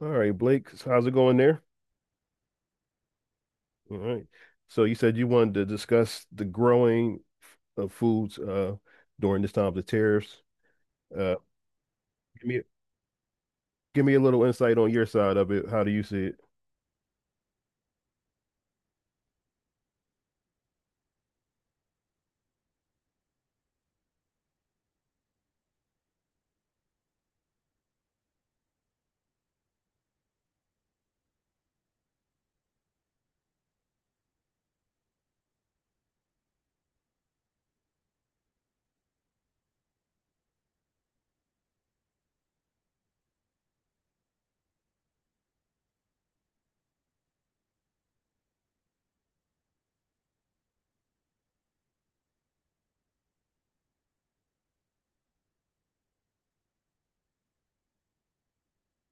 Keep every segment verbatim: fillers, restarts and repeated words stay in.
All right, Blake, so how's it going there? All right. So you said you wanted to discuss the growing of foods uh, during this time of the tariffs. Uh, give me give me a little insight on your side of it. How do you see it?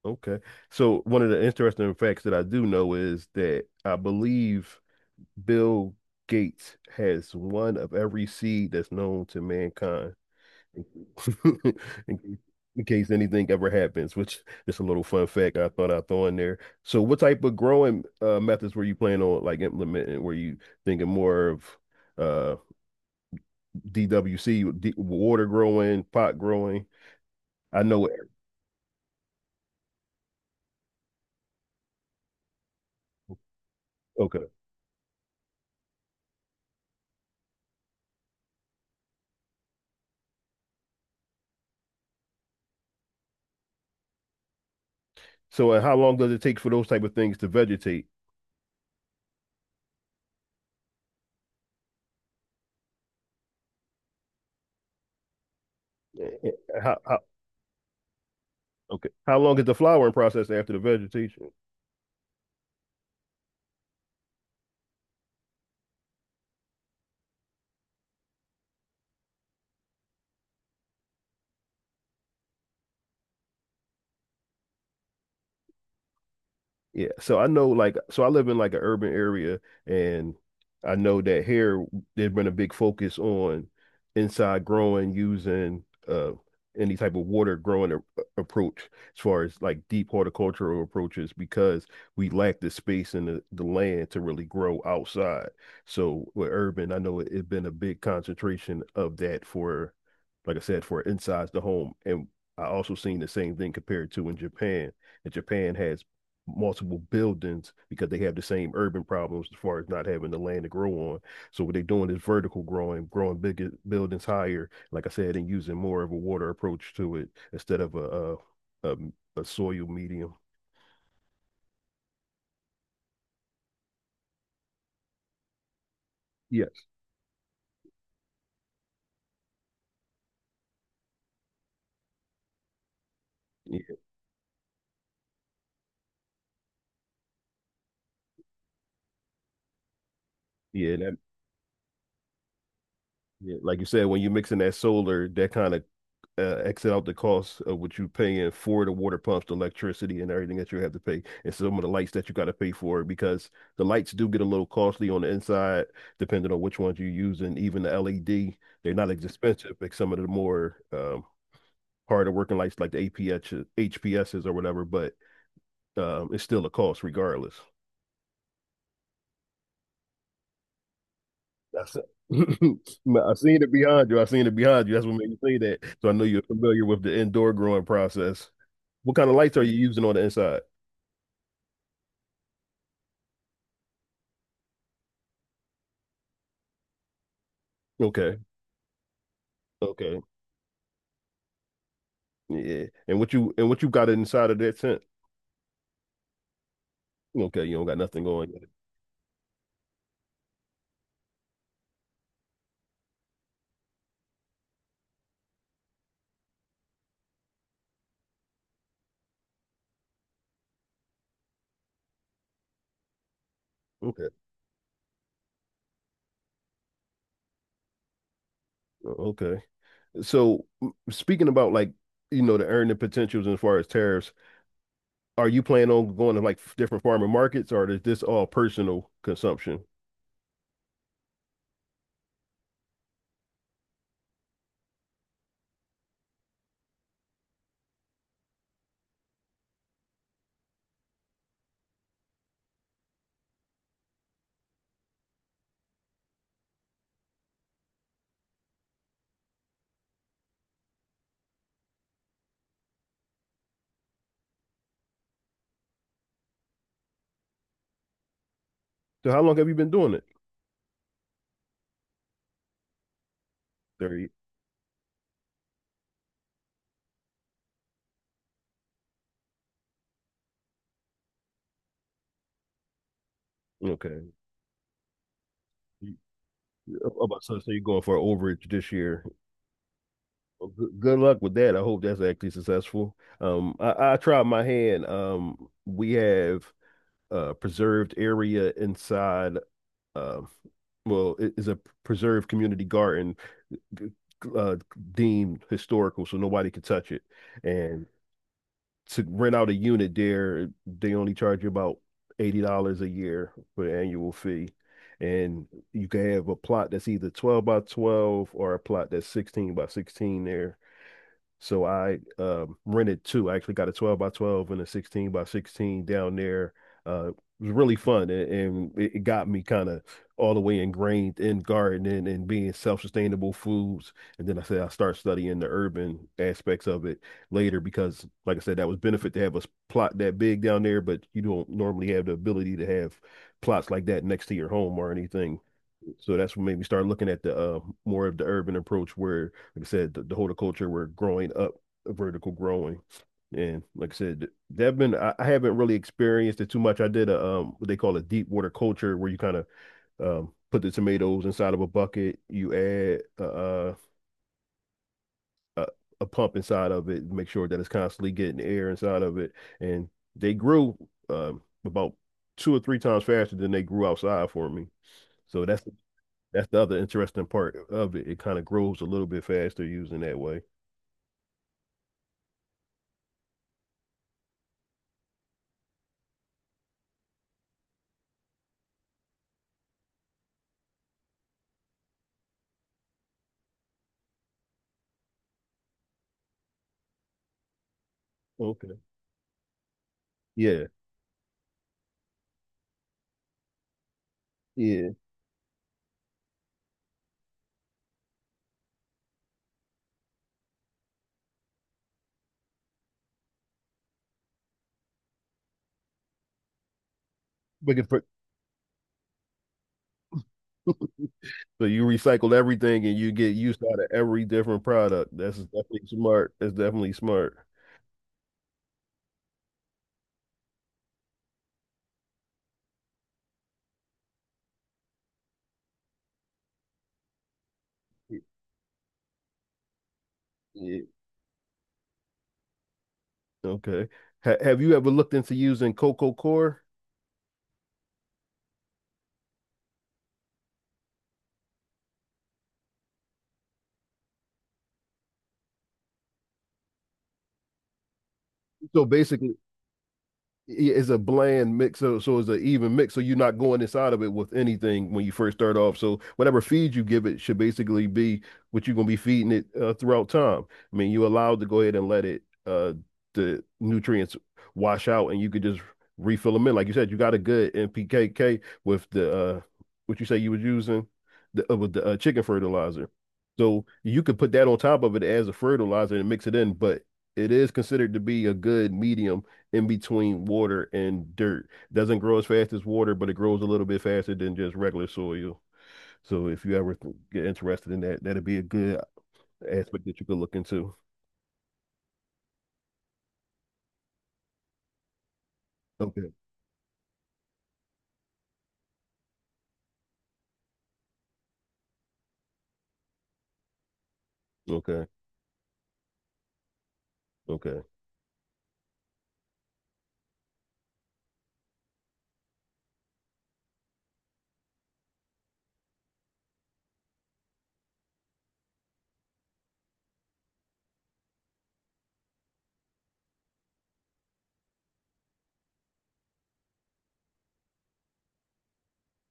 Okay. So one of the interesting facts that I do know is that I believe Bill Gates has one of every seed that's known to mankind. Thank you. In case, in case anything ever happens, which is a little fun fact I thought I'd throw in there. So, what type of growing uh, methods were you planning on like implementing? Were you thinking more of uh, D W C, water growing, pot growing? I know. Okay. So, and how long does it take for those type of things to vegetate? Eh, eh, How, how, okay. How long is the flowering process after the vegetation? Yeah, so I know like so I live in like an urban area and I know that here there's been a big focus on inside growing using uh any type of water growing a approach as far as like deep horticultural approaches because we lack the space and the, the land to really grow outside. So with urban, I know it, it's been a big concentration of that for, like I said, for inside the home, and I also seen the same thing compared to in Japan. And Japan has multiple buildings because they have the same urban problems as far as not having the land to grow on. So what they're doing is vertical growing, growing bigger buildings higher, like I said, and using more of a water approach to it instead of a a, a, a soil medium. Yes. Yeah, yeah, yeah, like you said, when you're mixing that solar, that kind of uh, exit out the cost of what you're paying for the water pumps, the electricity, and everything that you have to pay, and some of the lights that you got to pay for because the lights do get a little costly on the inside, depending on which ones you use, and even the L E D, they're not as expensive like some of the more um, harder working lights like the A P H, H P Ses or whatever, but um, it's still a cost regardless. I se- I seen it behind you. I seen it behind you. That's what made me say that. So I know you're familiar with the indoor growing process. What kind of lights are you using on the inside? Okay. Okay. Yeah. And what you and what you got inside of that tent? Okay, you don't got nothing going yet. Okay. Okay. So m- speaking about, like, you know, the earning potentials as far as tariffs, are you planning on going to like f- different farmer markets, or is this all personal consumption? So how long have you been doing it? Thirty. Okay. About to, so you're going for an overage this year. Well, good, good luck with that. I hope that's actually successful. Um, I, I tried my hand. Um, we have a preserved area inside. Uh, well, it is a preserved community garden, g- uh, deemed historical, so nobody can touch it. And to rent out a unit there, they only charge you about eighty dollars a year for the annual fee. And you can have a plot that's either twelve by twelve or a plot that's sixteen by sixteen there. So I um, rented two. I actually got a twelve by twelve and a sixteen by sixteen down there. Uh, it was really fun, and, and it got me kind of all the way ingrained in gardening and being self-sustainable foods. And then I said I start studying the urban aspects of it later because, like I said, that was benefit to have a s- plot that big down there, but you don't normally have the ability to have plots like that next to your home or anything. So that's what made me start looking at the uh, more of the urban approach, where, like I said, the, the horticulture we're growing up, vertical growing, and, like I said, they've been, I, I haven't really experienced it too much. I did a um what they call a deep water culture, where you kind of um put the tomatoes inside of a bucket, you add uh, a a pump inside of it, make sure that it's constantly getting air inside of it, and they grew um about two or three times faster than they grew outside for me. So that's that's the other interesting part of it. It kind of grows a little bit faster using that way. Okay. Yeah, yeah. We can put, so you recycle everything and you get used out of every different product. That's definitely smart. That's definitely smart. Yeah. Okay. Ha- have you ever looked into using Coco Core? So basically, it's a bland mix, so, so it's an even mix, so you're not going inside of it with anything when you first start off, so whatever feed you give it should basically be what you're going to be feeding it uh, throughout time. I mean, you're allowed to go ahead and let it uh the nutrients wash out, and you could just refill them in like you said. You got a good NPKK with the uh what you say you was using, the, uh, with the uh, chicken fertilizer, so you could put that on top of it as a fertilizer and mix it in, but it is considered to be a good medium in between water and dirt. Doesn't grow as fast as water, but it grows a little bit faster than just regular soil. So if you ever get interested in that, that'd be a good aspect that you could look into. Okay. Okay. Okay.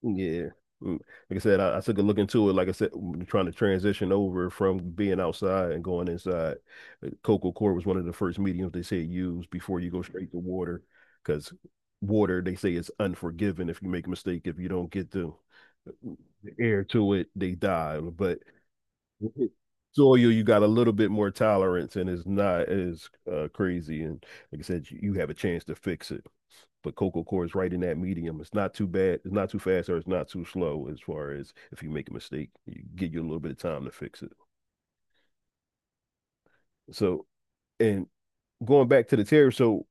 Yeah. Mm. Like I said, I, I took a look into it. Like I said, m- trying to transition over from being outside and going inside. Uh, Coco core was one of the first mediums they said use before you go straight to water, because water, they say, is unforgiving if you make a mistake, if you don't get the The air to it, they die. But with soil, you got a little bit more tolerance, and it's not as uh, crazy. And, like I said, you have a chance to fix it. But coco coir is right in that medium. It's not too bad. It's not too fast, or it's not too slow. As far as if you make a mistake, you give you a little bit of time to fix it. So, and going back to the tariff, so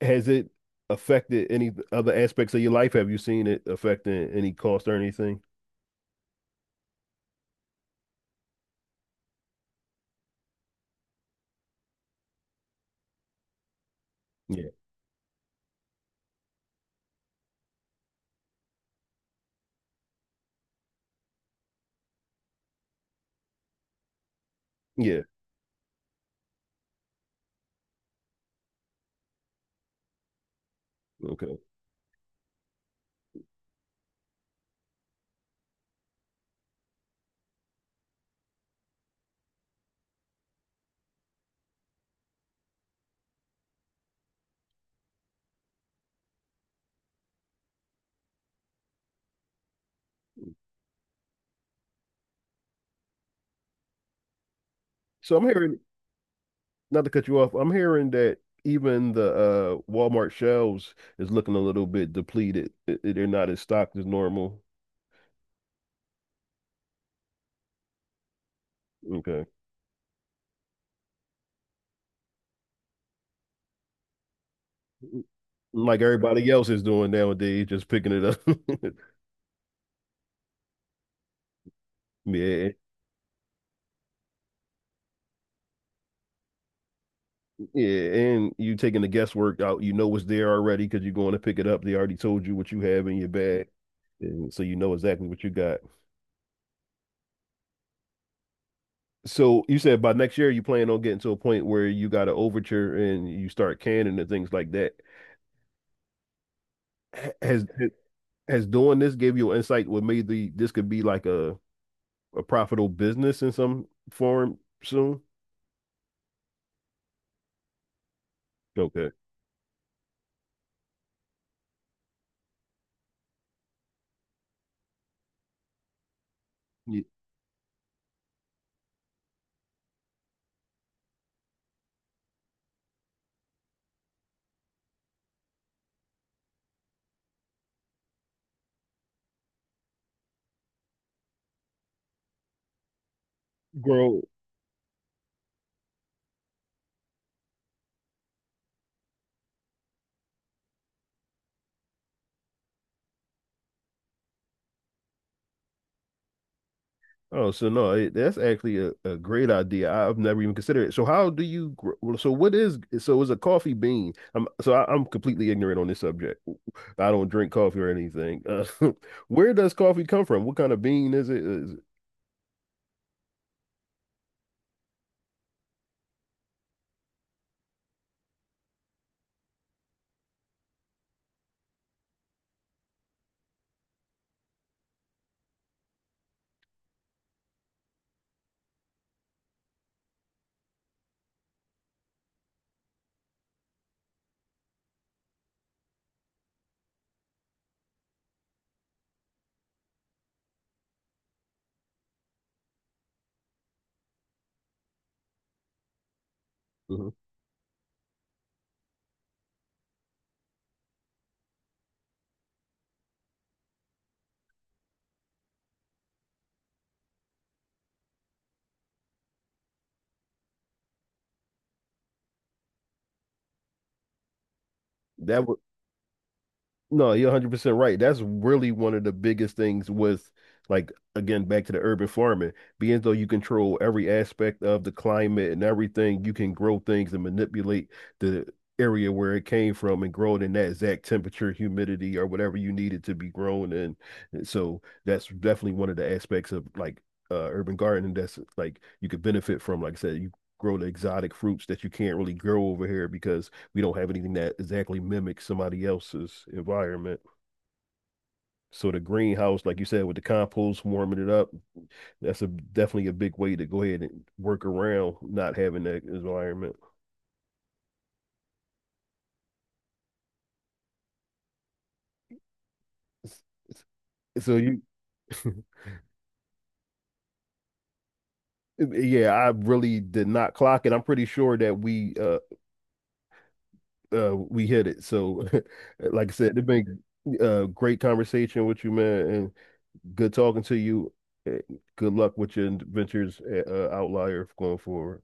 has it affected any other aspects of your life? Have you seen it affecting any cost or anything? Yeah. Yeah. Okay. So I'm hearing, not to cut you off, I'm hearing that even the uh Walmart shelves is looking a little bit depleted. It- it- They're not as stocked as normal. Okay. Like everybody else is doing nowadays, just picking it up. Yeah, yeah, and you taking the guesswork out. You know what's there already because you're going to pick it up. They already told you what you have in your bag, and so you know exactly what you got. So you said by next year you plan on getting to a point where you got an overture and you start canning and things like that. H- Has has doing this gave you insight what maybe this could be like a, a profitable business in some form soon? Okay. Yeah. Grow. Oh, so no, it, that's actually a, a great idea. I've never even considered it. So how do you grow? Well, so what is so is a coffee bean? I'm so I, I'm completely ignorant on this subject. I don't drink coffee or anything. Uh, where does coffee come from? What kind of bean is it? Is it- Mhm. That would No, you're one hundred percent right. That's really one of the biggest things with, like, again, back to the urban farming, being though you control every aspect of the climate and everything, you can grow things and manipulate the area where it came from and grow it in that exact temperature, humidity, or whatever you need it to be grown in. And so that's definitely one of the aspects of, like, uh, urban gardening that's like you could benefit from. Like I said, you grow the exotic fruits that you can't really grow over here because we don't have anything that exactly mimics somebody else's environment. So the greenhouse, like you said, with the compost warming it up, that's a definitely a big way to go ahead and work around not having that environment. So you, yeah, I really did not clock it. I'm pretty sure that we uh, uh we hit it. So, like I said, it's been a great conversation with you, man, and good talking to you. Uh, Good luck with your ventures, at, uh, Outlier, going forward.